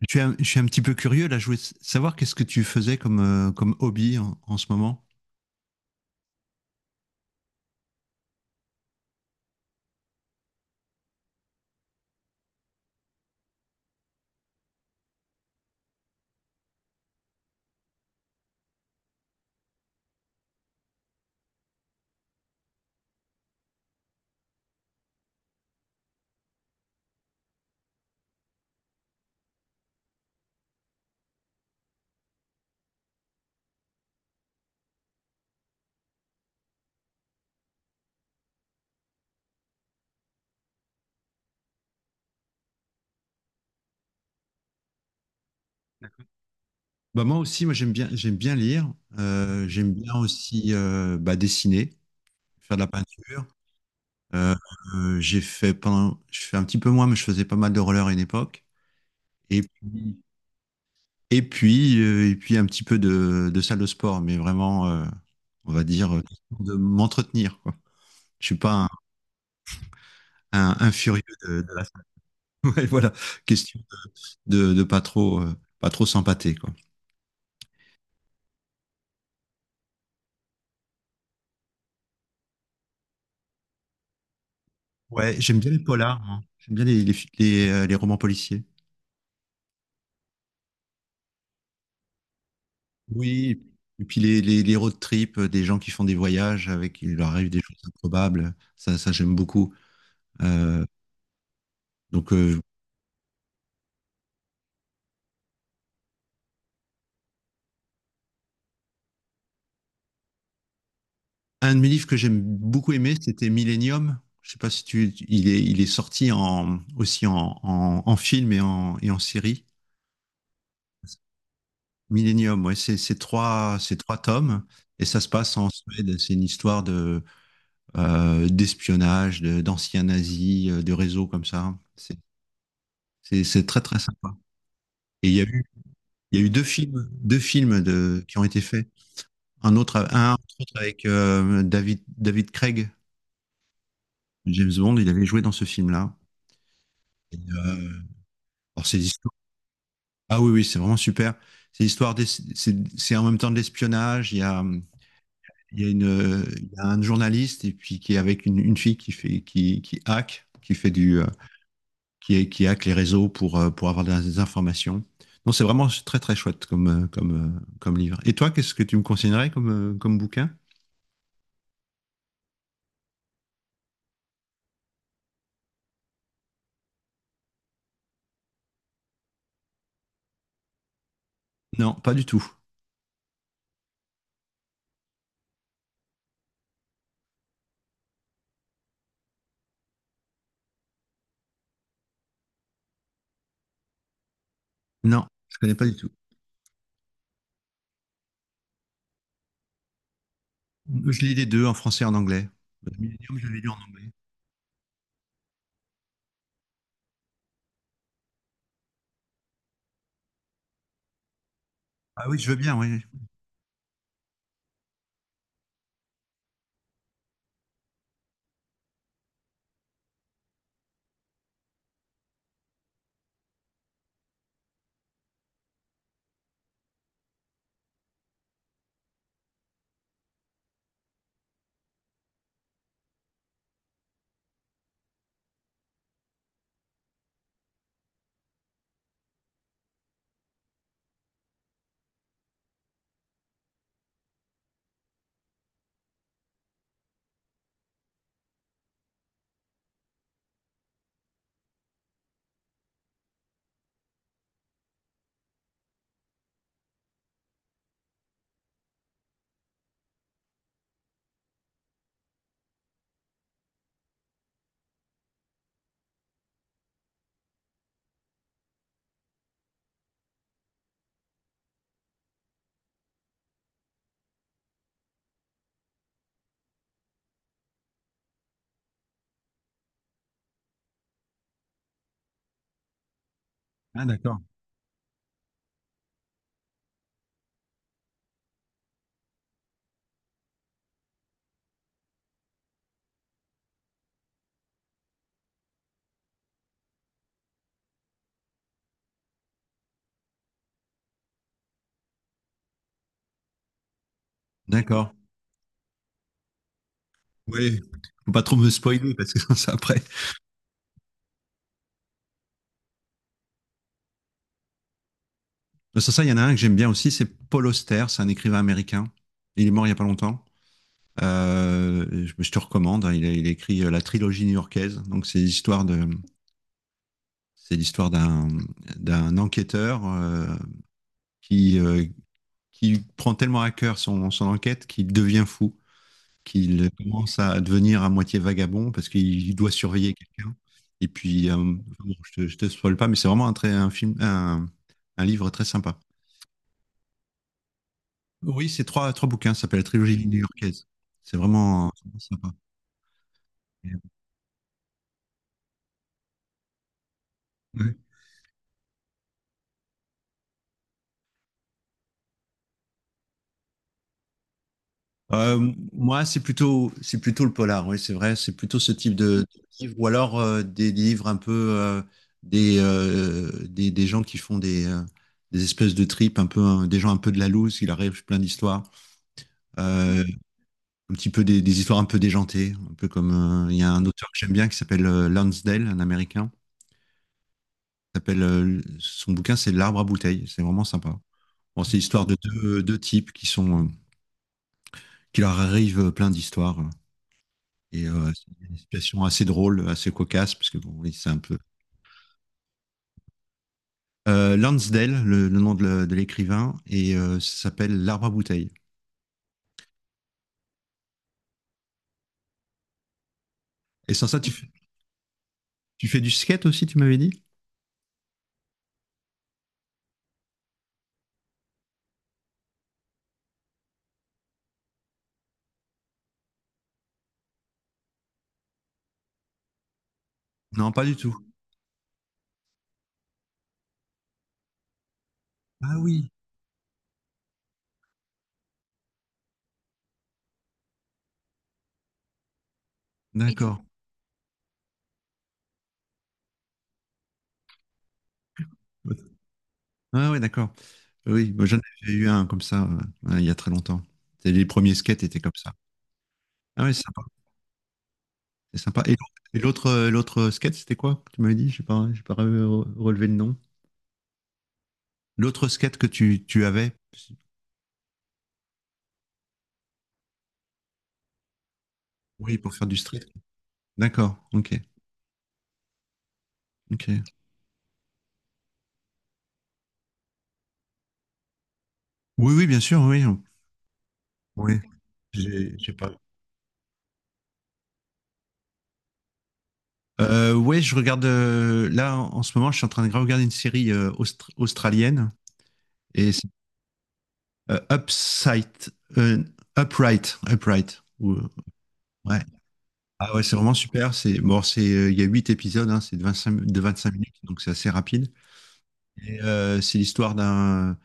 Je suis un petit peu curieux là. Je voulais savoir qu'est-ce que tu faisais comme, comme hobby en ce moment. Bah moi aussi, moi j'aime bien lire. J'aime bien aussi bah, dessiner, faire de la peinture. Euh, je fais un petit peu moins, mais je faisais pas mal de roller à une époque. Et puis, et puis un petit peu de salle de sport, mais vraiment, on va dire, question de m'entretenir, quoi. Je suis pas un furieux de la salle. Ouais, voilà, question de pas trop, pas trop s'empâter, quoi. Ouais, j'aime bien les polars, moi. J'aime bien les romans policiers. Oui, et puis les road trips, des gens qui font des voyages avec, il leur arrive des choses improbables. Ça j'aime beaucoup. Euh, donc, un de mes livres que j'aime beaucoup aimé, c'était Millennium. Je sais pas si il est sorti aussi en film et en série. Millennium, ouais, c'est trois tomes et ça se passe en Suède. C'est une histoire de d'espionnage, d'anciens nazis, de réseaux comme ça. C'est très très sympa. Et il y a eu deux films, deux films qui ont été faits. Un entre autres avec David Craig, James Bond, il avait joué dans ce film-là. Et, euh, alors ah oui, oui, c'est vraiment super. C'est en même temps de l'espionnage. Il y a une, il y a un journaliste, et puis qui est avec une fille qui qui hack, qui fait du, qui, est, qui hack les réseaux pour avoir des informations. Non, c'est vraiment très très chouette comme, comme livre. Et toi, qu'est-ce que tu me conseillerais comme, comme bouquin? Non, pas du tout. Non, je connais pas du tout. Je lis les deux en français et en anglais. Millennium, je l'ai lu en anglais. Ah oui, je veux bien, oui, oui. Ah d'accord. D'accord. Oui, faut pas trop me spoiler parce que ça après. Sans ça, il y en a un que j'aime bien aussi, c'est Paul Auster, c'est un écrivain américain. Il est mort il y a pas longtemps. Je te recommande, hein. Il a écrit la trilogie new-yorkaise, donc c'est l'histoire d'un enquêteur, qui, euh, qui prend tellement à cœur son enquête qu'il devient fou, qu'il commence à devenir à moitié vagabond parce qu'il doit surveiller quelqu'un. Et puis, bon, je te spoil pas, mais c'est vraiment un, très, un, film, un livre très sympa. Oui, c'est trois bouquins, ça s'appelle la trilogie new-yorkaise. C'est vraiment sympa, ouais. Moi, c'est plutôt le polar, oui, c'est vrai, c'est plutôt ce type de livre, ou alors des livres un peu, des gens qui font des espèces de tripes, un peu, hein, des gens un peu de la loose, il arrive plein d'histoires, euh, un petit peu des histoires un peu déjantées, un peu comme, il y a un auteur que j'aime bien qui s'appelle, Lansdale, un Américain, qui s'appelle, son bouquin c'est L'arbre à bouteilles, c'est vraiment sympa. Bon, c'est l'histoire de deux types qui sont, qui leur arrivent plein d'histoires. Et c'est une situation assez drôle, assez cocasse, parce que bon, oui, c'est un peu. Lansdale, le nom de l'écrivain, et ça s'appelle L'arbre à bouteille. Et sans ça, tu fais du skate aussi, tu m'avais dit? Non, pas du tout. Ah oui, d'accord. Ah oui, d'accord. Oui, moi, j'en ai eu un comme ça, il y a très longtemps. C'est Les premiers skates étaient comme ça. Ah oui, c'est sympa. C'est sympa. Et l'autre skate, c'était quoi? Que Tu m'avais dit, j'ai pas relevé le nom. L'autre skate que tu avais, oui, pour faire du street. D'accord, ok, ok. Oui, oui, bien sûr, oui, oui. J'ai pas. Ouais, je regarde, là en ce moment, je suis en train de regarder une série, australienne, et c'est, euh, Upside, euh, Upright. Ouais. Ah ouais, c'est vraiment super. C'est bon, c'est il y a huit épisodes, hein, c'est de vingt-cinq minutes, donc c'est assez rapide. C'est l'histoire d'un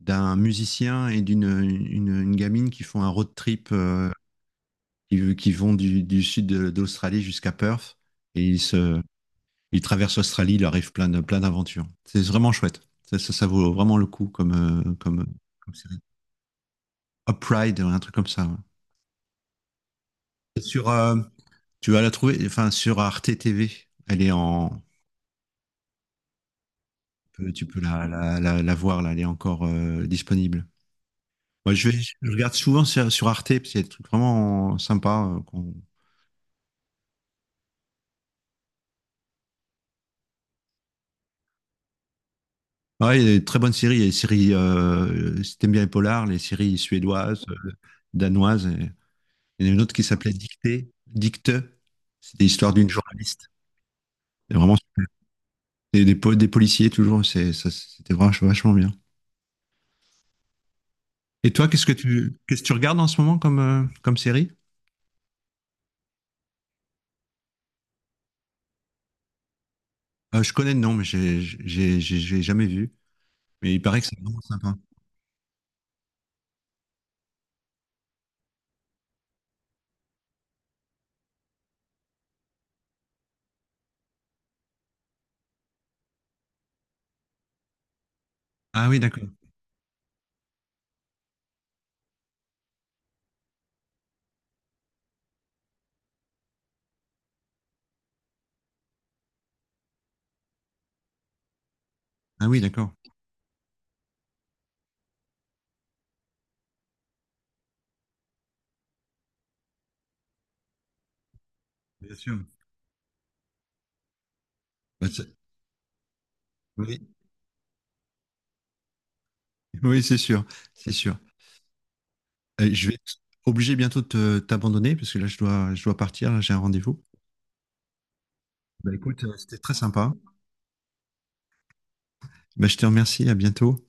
d'un musicien et d'une une gamine qui font un road trip, qui vont du sud d'Australie jusqu'à Perth. Et ils, se, ils traversent l'Australie, il leur arrive plein d'aventures. C'est vraiment chouette. Ça, ça vaut vraiment le coup comme, euh, comme, comme série. Upride, un truc comme ça, ouais. Et Sur, euh, tu vas la trouver, enfin, sur Arte TV. Elle est en. Tu peux la voir, là, elle est encore, disponible. Moi, je regarde souvent sur Arte, parce qu'il y a des trucs vraiment sympas. Ouais, il y a des très bonnes séries. Il y a des séries, si t'aimes bien les polars, les séries suédoises, danoises. Il y en a une autre qui s'appelait Dictée, Dicte. C'était l'histoire d'une journaliste. Et vraiment, c'était des policiers toujours. C'était vachement, vachement bien. Et toi, qu'est-ce que tu regardes en ce moment comme, comme série? Je connais le nom, mais j'ai jamais vu. Mais il paraît que c'est vraiment sympa. Ah oui, d'accord. Ah oui, d'accord. Bien sûr. Bah, oui. Oui, c'est sûr, c'est sûr. Je vais être obligé bientôt de t'abandonner parce que là, je dois partir, là, j'ai un rendez-vous. Bah écoute, c'était très sympa. Bah, je te remercie, à bientôt.